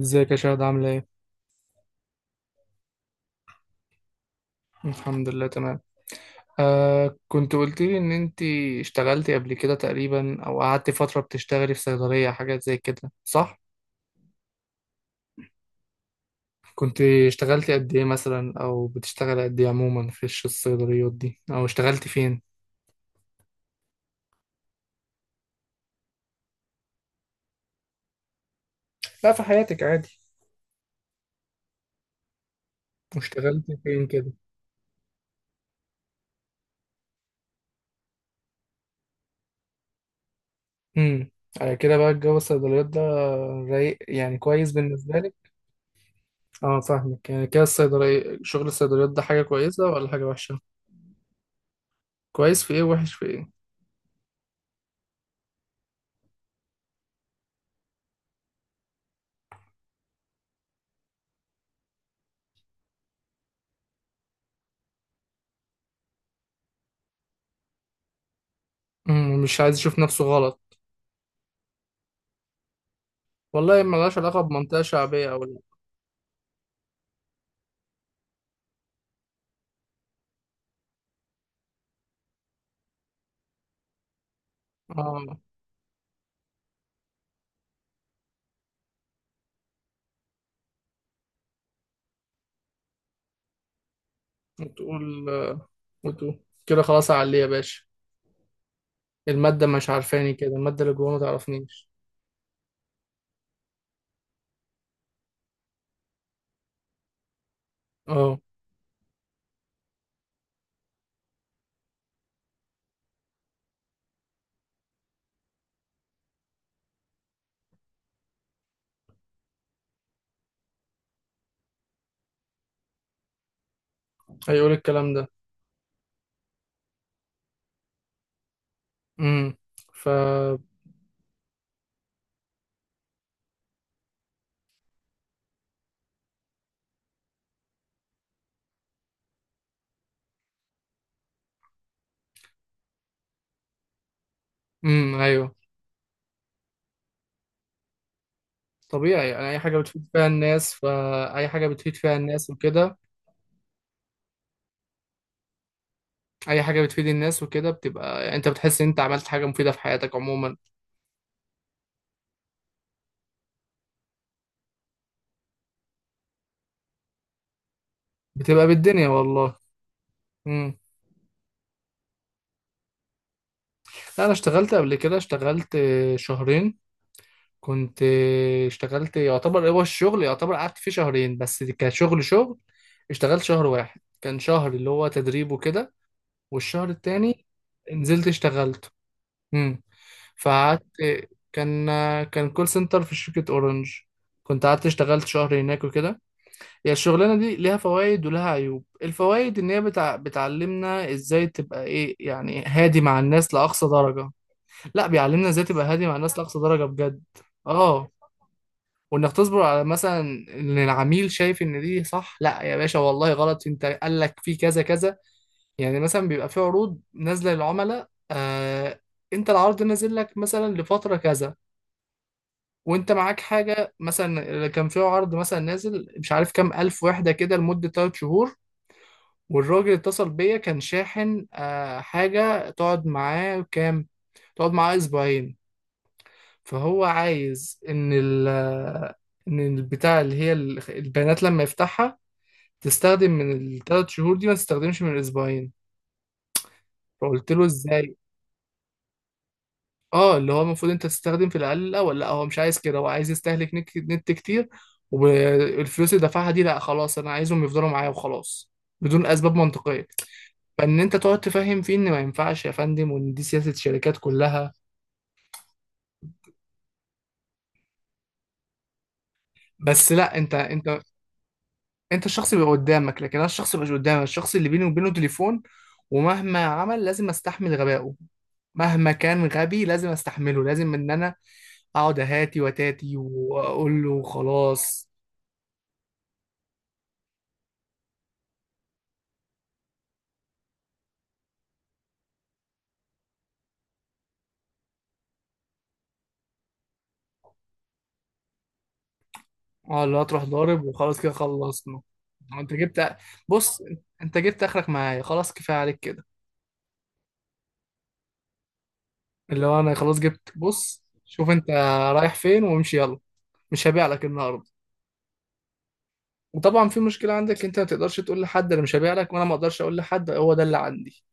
ازيك يا شهد عاملة ايه؟ الحمد لله تمام. كنت قلت لي ان انت اشتغلتي قبل كده تقريبا او قعدتي فترة بتشتغلي في صيدلية حاجات زي كده صح؟ كنت اشتغلتي قد ايه مثلا او بتشتغلي قد ايه عموما في الصيدليات دي او اشتغلتي فين؟ لا في حياتك عادي، واشتغلتي فين كده؟ امم كده بقى الجو الصيدليات ده رايق يعني كويس بالنسبة لك؟ اه فاهمك، يعني كده شغل الصيدليات ده حاجة كويسة ولا حاجة وحشة؟ كويس في ايه وحش في ايه؟ مم، مش عايز يشوف نفسه غلط. والله ملهاش علاقة بمنطقة شعبية أو لا. اه. وتقول آه، وتقول كده خلاص عليه يا باشا. المادة مش عارفاني كده، المادة اللي جوه ما تعرفنيش. اه. هيقول الكلام ده. امم ف ايوه، طبيعي، يعني اي حاجة بتفيد فيها الناس، فاي حاجة بتفيد فيها الناس وكده. اي حاجة بتفيد الناس وكده بتبقى يعني انت بتحس ان انت عملت حاجة مفيدة في حياتك عموما. بتبقى بالدنيا والله. امم لا انا اشتغلت قبل كده، اشتغلت شهرين. كنت اشتغلت، يعتبر هو الشغل يعتبر قعدت فيه شهرين بس كشغل شغل. اشتغلت شهر واحد، كان شهر اللي هو تدريب وكده. والشهر التاني نزلت اشتغلت. امم فقعدت. كان كان كول سنتر في شركة اورنج. كنت قعدت اشتغلت شهر هناك وكده. هي الشغلانة دي ليها فوائد ولها عيوب، الفوائد ان هي بتعلمنا ازاي تبقى ايه يعني هادي مع الناس لأقصى درجة. لا بيعلمنا ازاي تبقى هادي مع الناس لأقصى درجة بجد. اه، وانك تصبر على مثلا ان العميل شايف ان دي صح، لا يا باشا والله غلط، انت قال لك في كذا كذا. يعني مثلا بيبقى في عروض نازله للعملاء انت العرض نازل لك مثلا لفتره كذا. وانت معاك حاجه، مثلا كان في عرض مثلا نازل مش عارف كام الف وحده كده لمده 3 شهور. والراجل اتصل بيا كان شاحن، حاجه تقعد معاه كام، تقعد معاه اسبوعين. فهو عايز ان البتاع اللي هي البيانات لما يفتحها تستخدم من الثلاث شهور دي، ما تستخدمش من الاسبوعين. فقلت له ازاي. اه، اللي هو المفروض انت تستخدم في الاقل الاول، لا هو مش عايز كده، هو عايز يستهلك نت كتير. والفلوس اللي دفعها دي، لا خلاص انا عايزهم يفضلوا معايا وخلاص، بدون اسباب منطقيه. فان انت تقعد تفهم فيه ان ما ينفعش يا فندم، وان دي سياسه الشركات كلها. بس لا انت الشخص اللي قدامك، لكن انا الشخص اللي مش قدامك، الشخص اللي بيني وبينه تليفون. ومهما عمل لازم استحمل غبائه، مهما كان غبي لازم استحمله، لازم ان انا اقعد اهاتي وتاتي واقول له خلاص. اه، لا تروح ضارب وخلاص كده خلصنا. انت جبت بص، انت جبت اخرك معايا خلاص كفايه عليك كده. اللي هو انا خلاص جبت، بص شوف انت رايح فين وامشي يلا، مش هبيع لك النهارده. وطبعا في مشكله عندك انت، ما تقدرش تقول لحد انا مش هبيع لك، وانا ما اقدرش اقول لحد هو ده اللي عندي.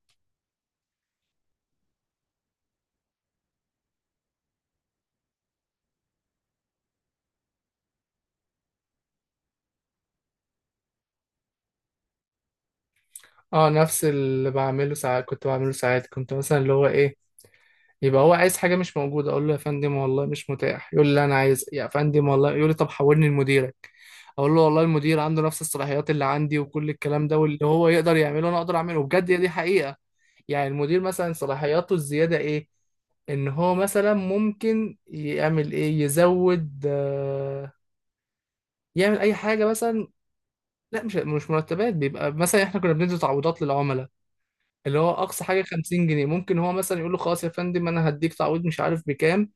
اه، نفس اللي بعمله ساعات كنت بعمله ساعات كنت مثلا اللي هو ايه، يبقى هو عايز حاجة مش موجودة، اقول له يا فندم والله مش متاح، يقول لي لا انا عايز يا فندم والله، يقول لي طب حولني لمديرك. اقول له والله المدير عنده نفس الصلاحيات اللي عندي وكل الكلام ده، واللي هو يقدر يعمله انا اقدر اعمله بجد، هي دي حقيقة. يعني المدير مثلا صلاحياته الزيادة ايه، ان هو مثلا ممكن يعمل ايه، يزود يعمل اي حاجة مثلا. لا مش مرتبات، بيبقى مثلا احنا كنا بندي تعويضات للعملاء، اللي هو اقصى حاجه 50 جنيه، ممكن هو مثلا يقول له خلاص يا فندم انا هديك تعويض مش عارف بكام.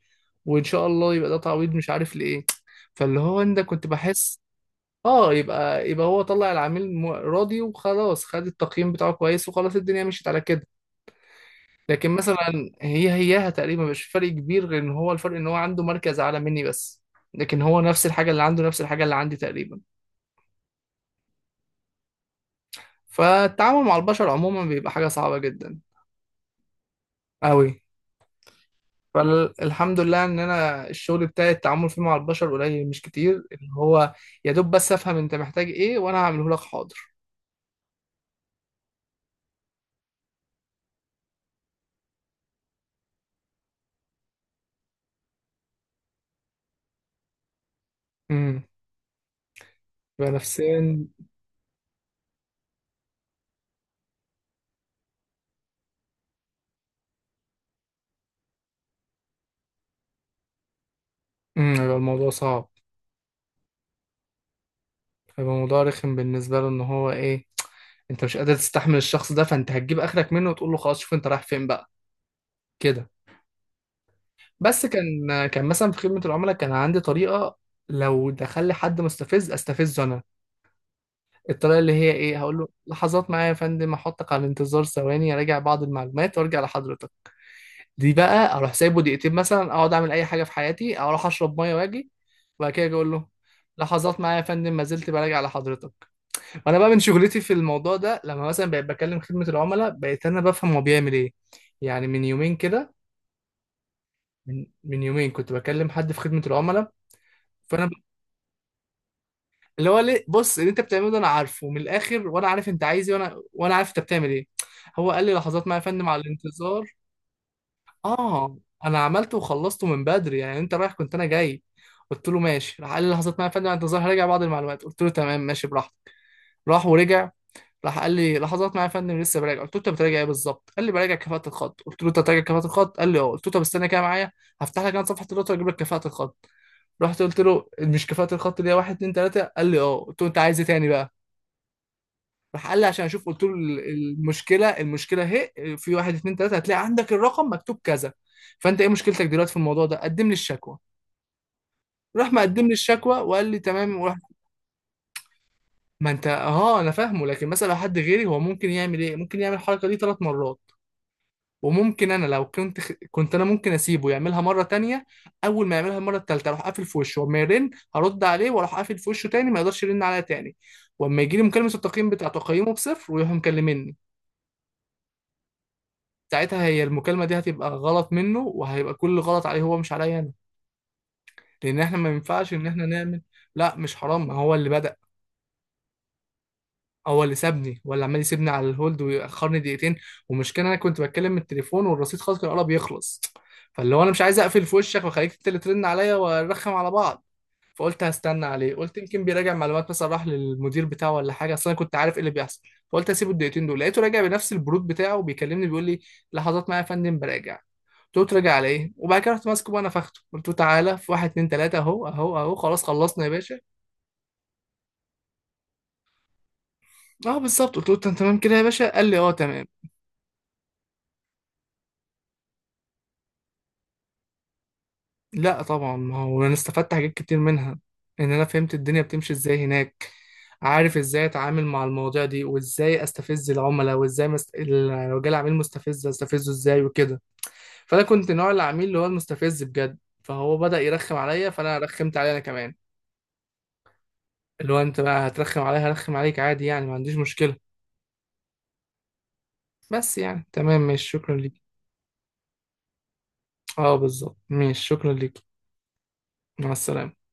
وان شاء الله يبقى ده تعويض مش عارف لايه. فاللي هو انت كنت بحس، اه، يبقى هو طلع العميل راضي وخلاص، خد التقييم بتاعه كويس وخلاص، الدنيا مشيت على كده. لكن مثلا هي هياها تقريبا مش فرق كبير، غير ان هو الفرق ان هو عنده مركز اعلى مني بس. لكن هو نفس الحاجه اللي عنده نفس الحاجه اللي عندي تقريبا. فالتعامل مع البشر عموما بيبقى حاجه صعبه جدا قوي. فالحمد لله ان انا الشغل بتاعي التعامل فيه مع البشر قليل مش كتير، اللي هو يا دوب بس افهم انت محتاج ايه وانا هعمله لك حاضر. امم يبقى نفسيا. يبقى الموضوع صعب. يبقى الموضوع رخم بالنسبه له، ان هو ايه، انت مش قادر تستحمل الشخص ده، فانت هتجيب اخرك منه وتقول له خلاص شوف انت رايح فين بقى كده. بس كان مثلا في خدمه العملاء كان عندي طريقه، لو دخل لي حد مستفز استفزه انا. الطريقه اللي هي ايه، هقول له لحظات معايا يا فندم، احطك على الانتظار ثواني اراجع بعض المعلومات وارجع لحضرتك. دي بقى اروح سايبه دقيقتين مثلا، اقعد اعمل اي حاجه في حياتي، اروح اشرب ميه واجي، وبعد كده أجي اقول له لحظات معايا يا فندم ما زلت براجع على حضرتك. وانا بقى من شغلتي في الموضوع ده، لما مثلا بقيت بكلم خدمه العملاء بقيت انا بفهم هو بيعمل ايه. يعني من يومين كده، من يومين كنت بكلم حد في خدمه العملاء. فانا اللي هو ليه، بص اللي انت بتعمله ده انا عارفه من الاخر، وانا عارف انت عايز ايه، وانا عارف انت بتعمل ايه. هو قال لي لحظات معايا يا فندم على الانتظار. اه، انا عملته وخلصته من بدري، يعني انت رايح كنت انا جاي. قلت له ماشي، راح قال لي لحظات معايا يا فندم انت ظاهر راجع بعض المعلومات، قلت له تمام ماشي براحتك. راح ورجع، راح قال لي لحظات معايا يا فندم لسه براجع، قلت له انت بتراجع ايه بالظبط، قال لي براجع كفاءة الخط، قلت له انت بتراجع كفاءة الخط، قال لي اه، قلت له طب استنى كده معايا، هفتح لك انا صفحة الدكتور اجيب لك كفاءة الخط. رحت قلت له مش كفاءة الخط دي واحد اتنين تلاتة، قال لي اه، قلت له انت عايز ايه تاني بقى. راح قال لي عشان اشوف، قلت له المشكله اهي في واحد اتنين تلاته، هتلاقي عندك الرقم مكتوب كذا. فانت ايه مشكلتك دلوقتي في الموضوع ده، قدم لي الشكوى. راح مقدم لي الشكوى وقال لي تمام وراح. ما انت اه، انا فاهمه، لكن مثلا لو حد غيري هو ممكن يعمل ايه، ممكن يعمل الحركه دي 3 مرات. وممكن انا لو كنت كنت انا ممكن اسيبه يعملها مره تانية. اول ما يعملها المره التالتة اروح قافل في وشه، وما يرن هرد عليه، واروح قافل في وشه تاني ما يقدرش يرن عليا تاني. واما يجي لي مكالمه التقييم بتاع تقييمه بصفر ويروح مكلمني. ساعتها هي المكالمة دي هتبقى غلط منه، وهيبقى كل غلط عليه هو مش عليا أنا، لأن إحنا ما ينفعش إن إحنا نعمل. لا مش حرام، ما هو اللي بدأ. هو اللي سابني، هو اللي عمال يسيبني على الهولد ويأخرني دقيقتين. والمشكلة أنا كنت بتكلم من التليفون والرصيد خلاص كان قرب يخلص. فاللي هو أنا مش عايز أقفل في وشك وأخليك أنت اللي ترن عليا ونرخم على بعض. فقلت هستنى عليه، قلت يمكن بيراجع معلومات مثلا، راح للمدير بتاعه ولا حاجه، اصل انا كنت عارف ايه اللي بيحصل. فقلت هسيبه الدقيقتين دول، لقيته راجع بنفس البرود بتاعه بيكلمني بيقول لي لحظات معايا يا فندم براجع. قلت له تراجع على ايه، وبعد كده رحت ماسكه بقى نفخته، قلت له تعالى في واحد اتنين تلاته اهو اهو اهو، خلاص خلصنا يا باشا. اه بالظبط، قلت له انت تمام كده يا باشا، قال لي اه تمام. لا طبعا، ما هو انا استفدت حاجات كتير منها، ان انا فهمت الدنيا بتمشي ازاي هناك، عارف ازاي اتعامل مع المواضيع دي، وازاي استفز العملاء، وازاي لو جالي عميل مستفز استفزه ازاي وكده. فانا كنت نوع العميل اللي هو المستفز بجد، فهو بدأ يرخم عليا، فانا رخمت عليه انا كمان، اللي هو انت بقى هترخم عليا هرخم عليك عادي، يعني ما عنديش مشكلة. بس يعني تمام ماشي شكرا ليك. اه بالظبط ماشي شكرا ليك، مع السلامة.